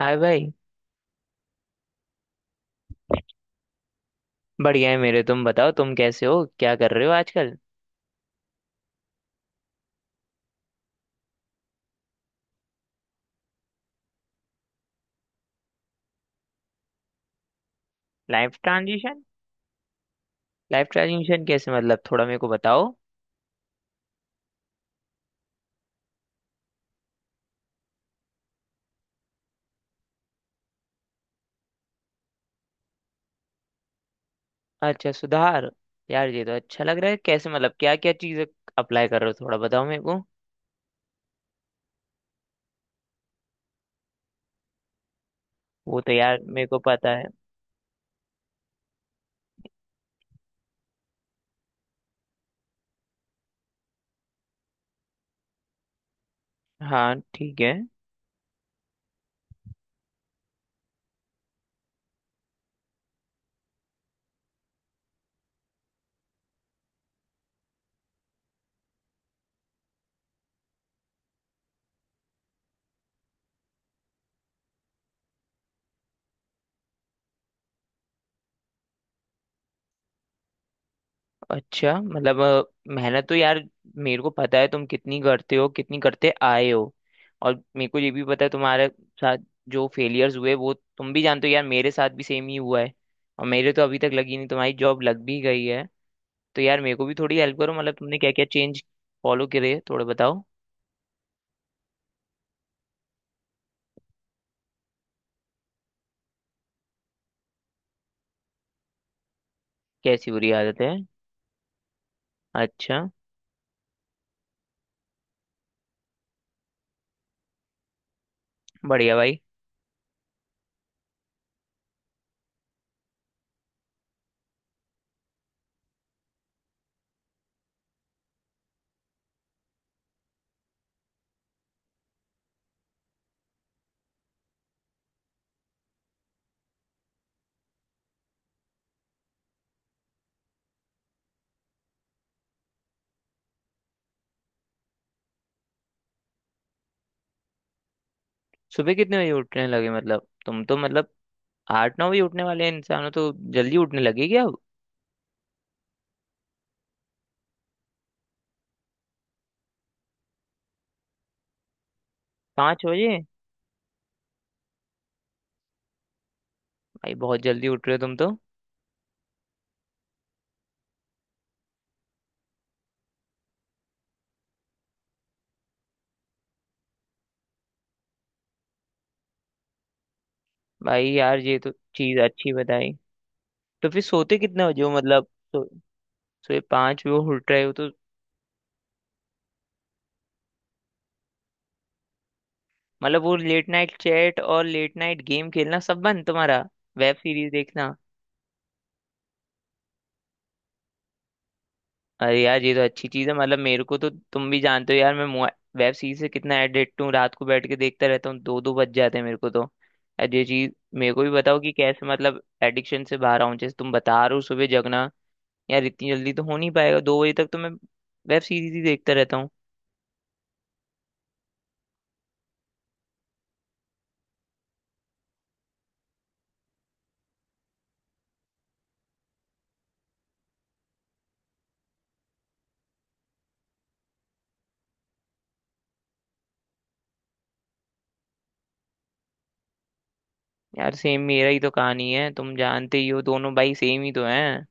हाय भाई। बढ़िया है मेरे, तुम बताओ, तुम कैसे हो, क्या कर रहे हो आजकल। लाइफ ट्रांजिशन लाइफ ट्रांजिशन कैसे मतलब, थोड़ा मेरे को बताओ। अच्छा, सुधार। यार ये तो अच्छा लग रहा है, कैसे मतलब क्या क्या चीज़ें अप्लाई कर रहे हो, थोड़ा बताओ मेरे को। वो तो यार मेरे को पता है। हाँ, ठीक है। अच्छा मतलब मेहनत तो यार मेरे को पता है, तुम कितनी करते हो, कितनी करते आए हो। और मेरे को ये भी पता है तुम्हारे साथ जो फेलियर्स हुए वो तुम भी जानते हो, यार मेरे साथ भी सेम ही हुआ है। और मेरे तो अभी तक लगी नहीं, तुम्हारी जॉब लग भी गई है। तो यार मेरे को भी थोड़ी हेल्प करो, मतलब तुमने क्या क्या चेंज फॉलो करे, थोड़ा बताओ। कैसी बुरी आदत है? अच्छा। बढ़िया भाई। सुबह कितने बजे उठने लगे, मतलब तुम तो मतलब 8 9 बजे उठने वाले इंसान हो, तो जल्दी उठने लगे क्या? 5 बजे? भाई बहुत जल्दी उठ रहे हो तुम तो। भाई यार ये तो चीज अच्छी बताई। तो फिर सोते कितने बजे हो, मतलब सो, सोए 5 बजे उठ रहे हो तो? मतलब वो लेट नाइट चैट और लेट नाइट गेम खेलना सब बंद तुम्हारा, वेब सीरीज देखना? अरे यार ये तो अच्छी चीज है, मतलब मेरे को तो तुम भी जानते हो यार, वेब सीरीज से कितना एडिक्ट हूँ, रात को बैठ के देखता रहता हूँ, दो दो बज जाते हैं मेरे को तो। यार ये चीज मेरे को भी बताओ कि कैसे मतलब एडिक्शन से बाहर आऊं, जैसे तुम बता रहे हो सुबह जगना, यार इतनी जल्दी तो हो नहीं पाएगा, 2 बजे तक तो मैं वेब सीरीज ही देखता रहता हूँ। यार सेम मेरा ही तो कहानी है, तुम जानते ही हो दोनों भाई सेम ही तो हैं।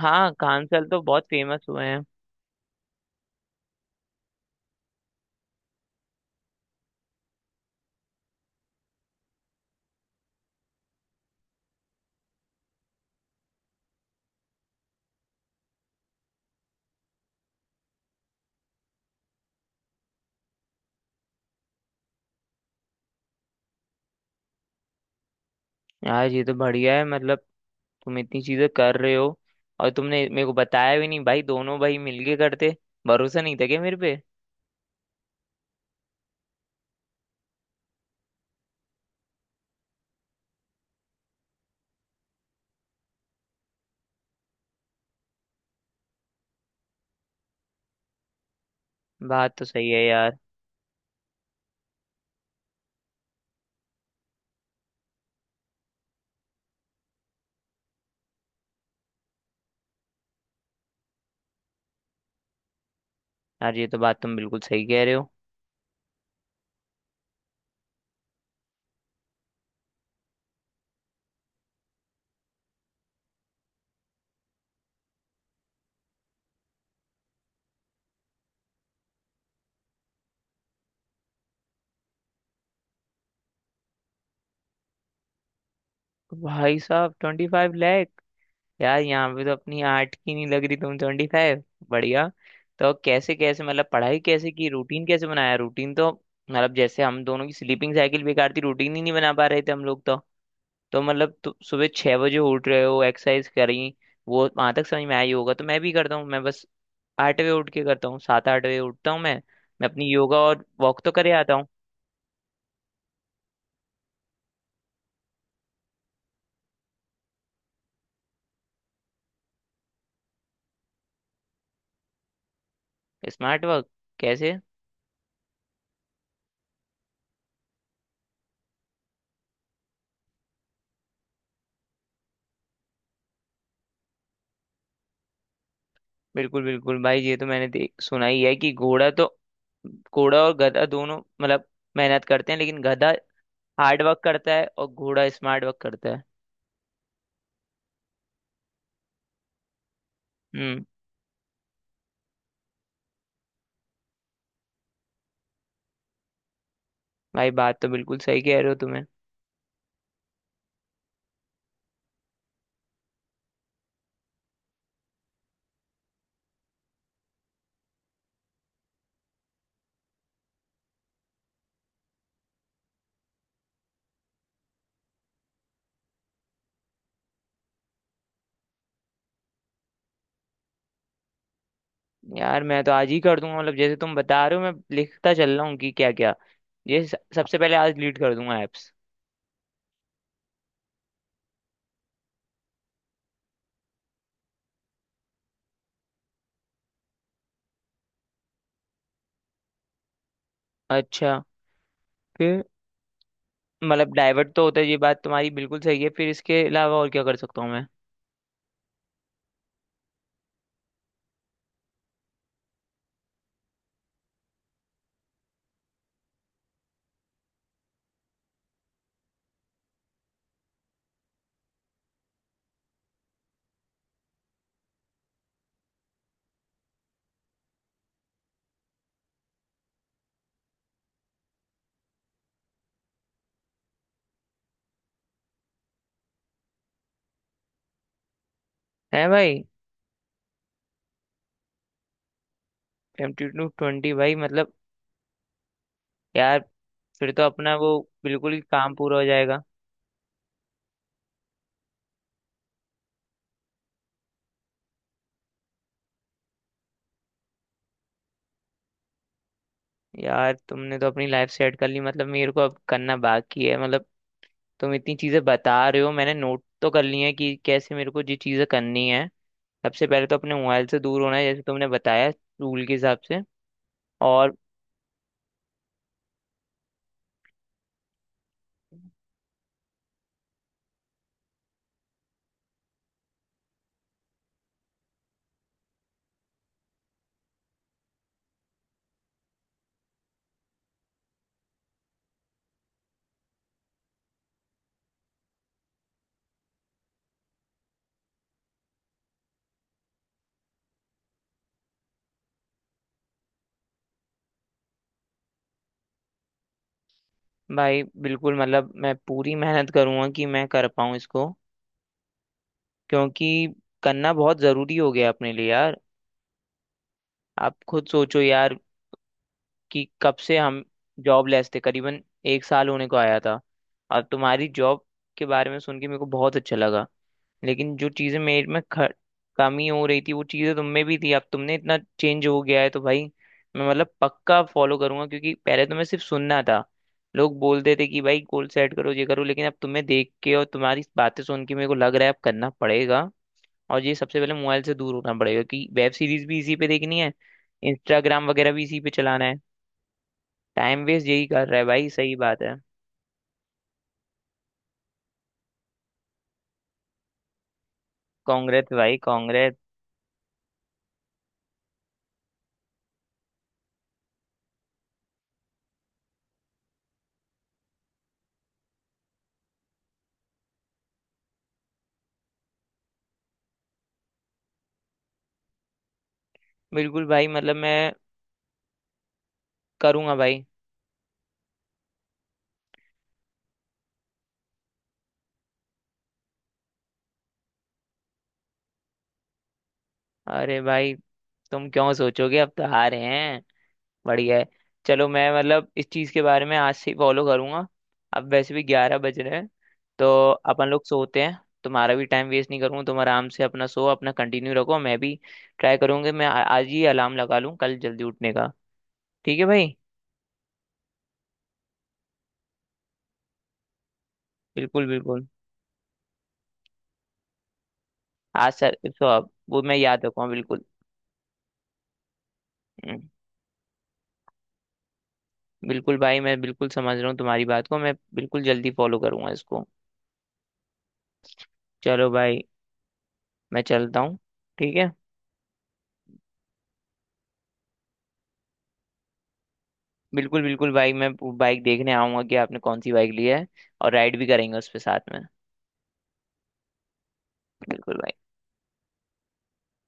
हाँ, कांसल तो बहुत फेमस हुए हैं। यार ये तो बढ़िया है, मतलब तुम इतनी चीजें कर रहे हो और तुमने मेरे को बताया भी नहीं, भाई दोनों भाई मिलके करते, भरोसा नहीं था क्या मेरे पे? बात तो सही है यार। यार ये तो बात तुम बिल्कुल सही कह रहे हो। भाई साहब 25! यार यहाँ पे तो अपनी आर्ट की नहीं लग रही, तुम 25, बढ़िया। तो कैसे कैसे मतलब पढ़ाई कैसे की, रूटीन कैसे बनाया, रूटीन तो मतलब जैसे हम दोनों की स्लीपिंग साइकिल बेकार थी, रूटीन ही नहीं बना पा रहे थे हम लोग तो। तो मतलब तो सुबह 6 बजे उठ रहे हो एक्सरसाइज करी, वो वहां तक समझ में आई होगा, तो मैं भी करता हूँ, मैं बस 8 बजे उठ के करता हूँ, 7 8 बजे उठता हूँ मैं। मैं अपनी योगा और वॉक तो करे आता हूँ। स्मार्ट वर्क कैसे? बिल्कुल बिल्कुल भाई, ये तो मैंने देख सुना ही है कि घोड़ा तो, घोड़ा और गधा दोनों मतलब मेहनत करते हैं, लेकिन गधा हार्ड वर्क करता है और घोड़ा स्मार्ट वर्क करता है। हम्म। भाई बात तो बिल्कुल सही कह रहे हो तुम्हें। यार मैं तो आज ही कर दूंगा, मतलब जैसे तुम बता रहे हो मैं लिखता चल रहा हूँ कि क्या क्या, ये सबसे पहले आज डिलीट कर दूंगा एप्स। अच्छा, फिर? मतलब डाइवर्ट तो होता है, ये बात तुम्हारी बिल्कुल सही है, फिर इसके अलावा और क्या कर सकता हूँ मैं? है भाई, एम टू ट्वेंटी भाई मतलब, यार फिर तो अपना वो बिल्कुल ही काम पूरा हो जाएगा। यार तुमने तो अपनी लाइफ सेट कर ली, मतलब मेरे को अब करना बाकी है, मतलब तुम इतनी चीजें बता रहे हो, मैंने नोट तो कर ली है कि कैसे मेरे को ये चीजें करनी है, सबसे पहले तो अपने मोबाइल से दूर होना है जैसे तुमने बताया, रूल के हिसाब से। और भाई बिल्कुल मतलब मैं पूरी मेहनत करूंगा कि मैं कर पाऊँ इसको, क्योंकि करना बहुत जरूरी हो गया अपने लिए यार, आप खुद सोचो यार, कि कब से हम जॉबलेस थे, करीबन एक साल होने को आया था। और तुम्हारी जॉब के बारे में सुन के मेरे को बहुत अच्छा लगा, लेकिन जो चीज़ें मेरे में कमी हो रही थी, वो चीज़ें तुम में भी थी, अब तुमने इतना चेंज हो गया है तो भाई मैं मतलब पक्का फॉलो करूंगा, क्योंकि पहले तो मैं सिर्फ सुनना था, लोग बोलते थे कि भाई गोल सेट करो, ये करो, लेकिन अब तुम्हें देख के और तुम्हारी बातें सुन के मेरे को लग रहा है अब करना पड़ेगा। और ये सबसे पहले मोबाइल से दूर होना पड़ेगा, कि वेब सीरीज भी इसी पे देखनी है, इंस्टाग्राम वगैरह भी इसी पे चलाना है, टाइम वेस्ट यही कर रहा है भाई, सही बात है। कांग्रेस भाई, कांग्रेस। बिल्कुल भाई, मतलब मैं करूंगा भाई। अरे भाई, तुम क्यों सोचोगे, अब तो हारे हैं, बढ़िया है। चलो, मैं मतलब इस चीज के बारे में आज से ही फॉलो करूंगा, अब वैसे भी 11 बज रहे हैं, तो अपन लोग सोते हैं। तुम्हारा भी टाइम वेस्ट नहीं करूंगा, तुम आराम से अपना सो अपना कंटिन्यू रखो, मैं भी ट्राई करूंगा, मैं आज ही अलार्म लगा लूँ कल जल्दी उठने का। ठीक है भाई। बिल्कुल बिल्कुल, आज सर सो अब, वो मैं याद रखूंगा बिल्कुल। हम्म। बिल्कुल भाई, मैं बिल्कुल समझ रहा हूँ तुम्हारी बात को, मैं बिल्कुल जल्दी फॉलो करूंगा इसको। चलो भाई, मैं चलता हूँ। ठीक है। बिल्कुल बिल्कुल भाई, मैं बाइक देखने आऊंगा कि आपने कौन सी बाइक ली है, और राइड भी करेंगे उस पे साथ में। बिल्कुल भाई।